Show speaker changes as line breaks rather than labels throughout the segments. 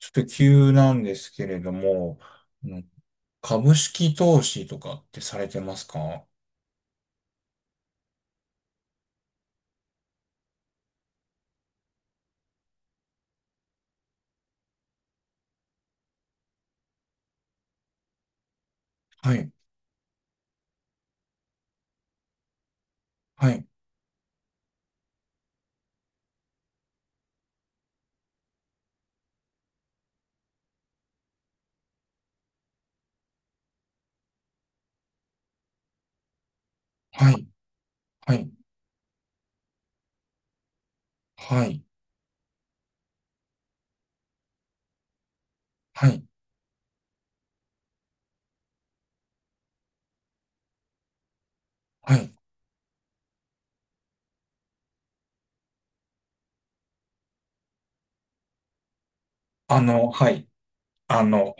ちょっと急なんですけれども、あの株式投資とかってされてますか？はい、はい、はい、はい、はい、はい、はい。はい、あの、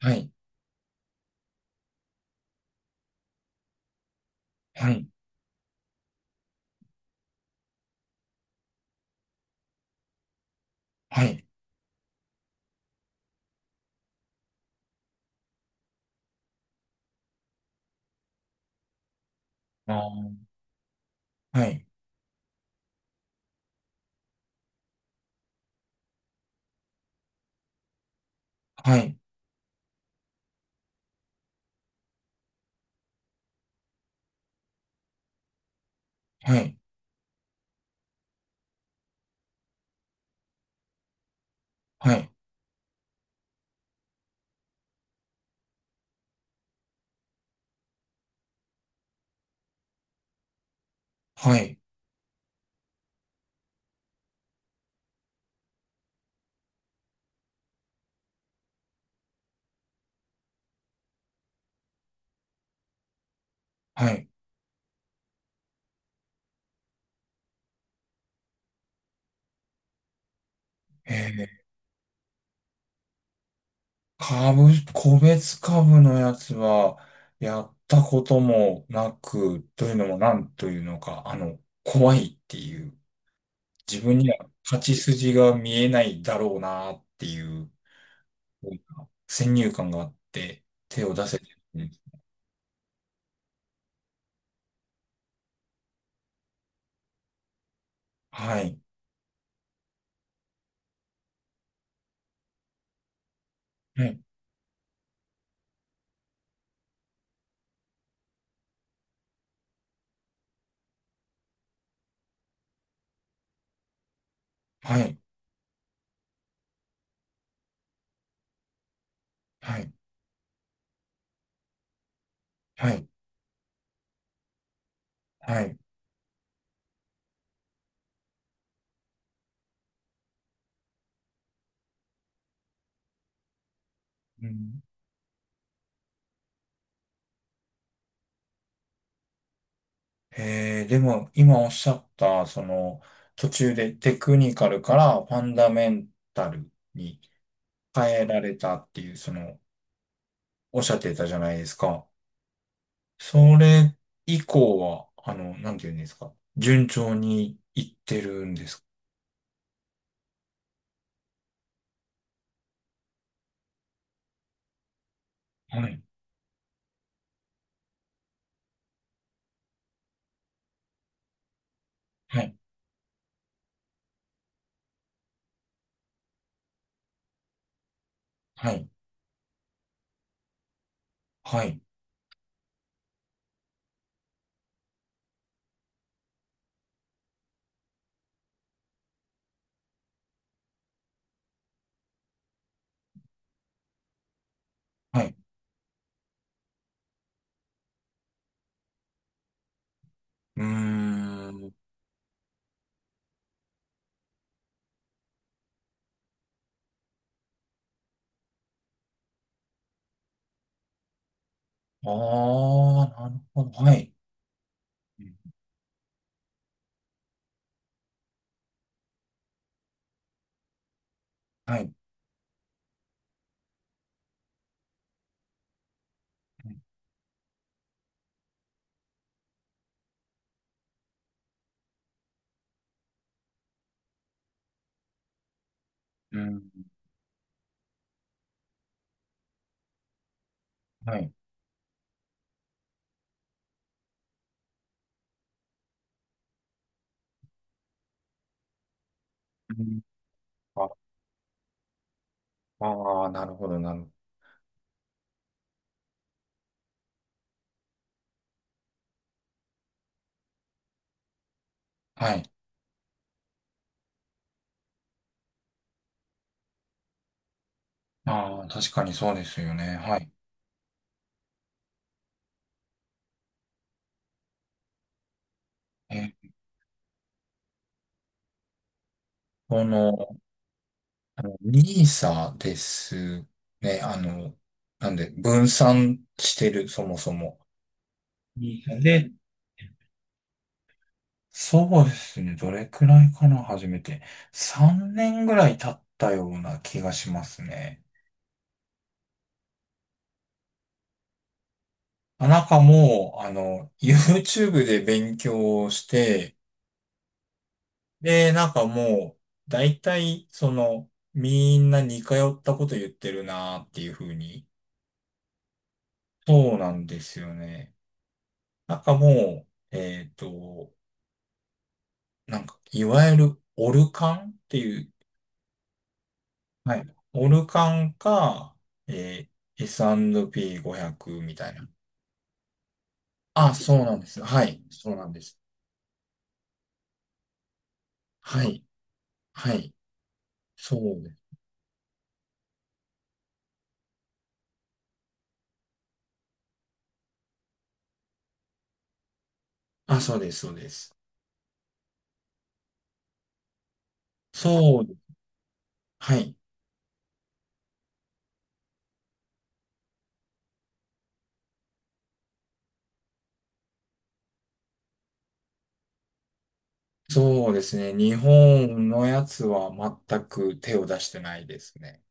はい、はい、はい、あーはい、はい、はい、はい、はい、はい。えー、個別株のやつは、やったこともなく、というのもなんというのか、怖いっていう。自分には勝ち筋が見えないだろうなっていう、なんか先入観があって、手を出せてるんです。はい。はい。はい。はい。はい。はい。うん、でも、今おっしゃった、その、途中でテクニカルからファンダメンタルに変えられたっていう、その、おっしゃってたじゃないですか。それ以降は、なんて言うんですか。順調にいってるんですか？はい。はいはい。はい。はい。うーん。ああ、なるほど。はい。うんはい。うん。はい。うんああー、なるほど、なるほど。はい。ああ、確かにそうですよね。はい。え、この、ニーサですね。なんで、分散してる、そもそも。ニーサで、そうですね。どれくらいかな、初めて。3年ぐらい経ったような気がしますね。あなんかもう、YouTube で勉強をして、で、なんかもう、大体、その、みんな似通ったこと言ってるなーっていう風に。そうなんですよね。なんかもう、なんか、いわゆる、オルカンっていう、はい。オルカンか、S&P500 みたいな。あ、そうなんです。はい。そうなんです。はい。はい。そうです。あ、そうです、そうです。そうはい。そうですね。日本のやつは全く手を出してないですね。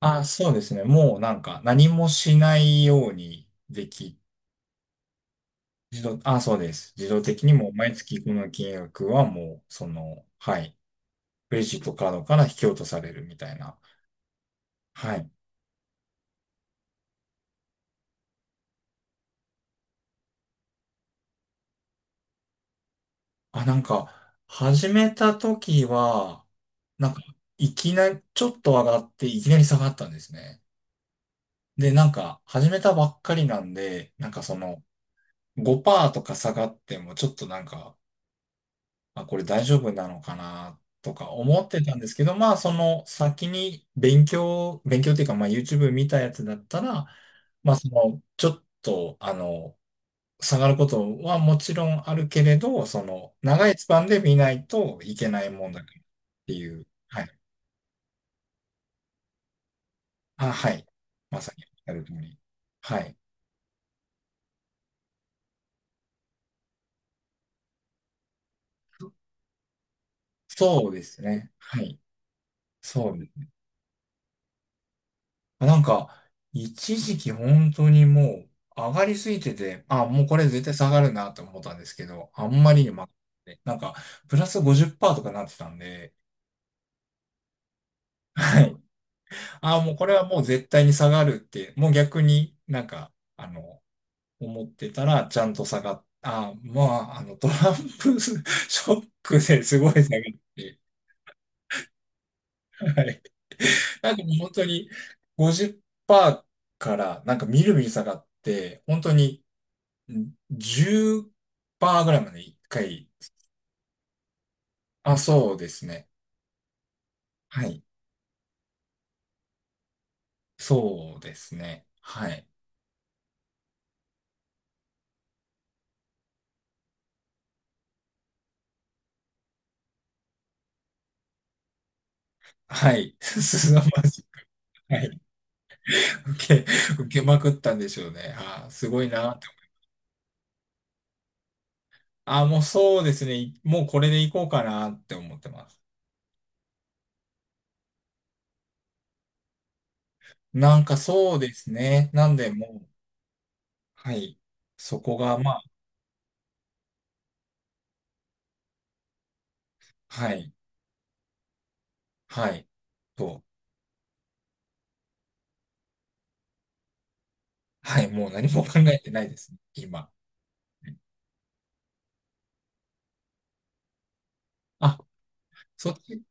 あ、そうですね。もうなんか何もしないようにでき、あ、そうです。自動的にもう毎月この金額はもう、その、はい。クレジットカードから引き落とされるみたいな。はい。あ、なんか、始めた時は、なんか、いきなり、ちょっと上がって、いきなり下がったんですね。で、なんか、始めたばっかりなんで、なんかその、5%とか下がってもちょっとなんか、あ、これ大丈夫なのかなとか思ってたんですけど、まあその先に勉強、勉強っていうかまあ YouTube 見たやつだったら、まあそのちょっと下がることはもちろんあるけれど、その長いスパンで見ないといけないもんだからっていう、はい。あ、はい。まさにやるとゃる通り。はい。そうですね。はい。そうです。なんか、一時期本当にもう上がりすぎてて、あ、もうこれ絶対下がるなと思ったんですけど、あんまりにも上がっててなんか、プラス50%とかなってたんで、はい。あ、もうこれはもう絶対に下がるって、もう逆になんか、あの、思ってたらちゃんと下がっ、あ、まあ、トランプ ショックですごい下がって、はい。なんかもう本当に50%からなんかみるみる下がって、本当に10%ぐらいまで一回。あ、そうですね。はい。そうですね。はい。はい。すさまじい。はい。受け、受けまくったんでしょうね。あー、すごいなって。あ、もうそうですね。もうこれでいこうかなって思ってます。なんかそうですね。なんでもう、はい。そこが、まあ、はい。はい。と、はい。もう何も考えてないですね。今。あ、そっち。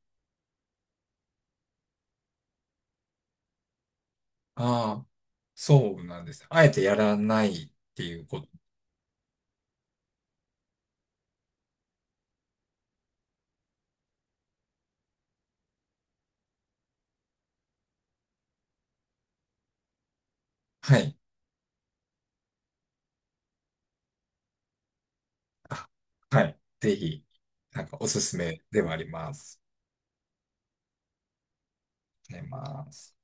ああ。そうなんです。あえてやらないっていうこと。はい。あ、はい。ぜひ、なんかおすすめではあります。あります。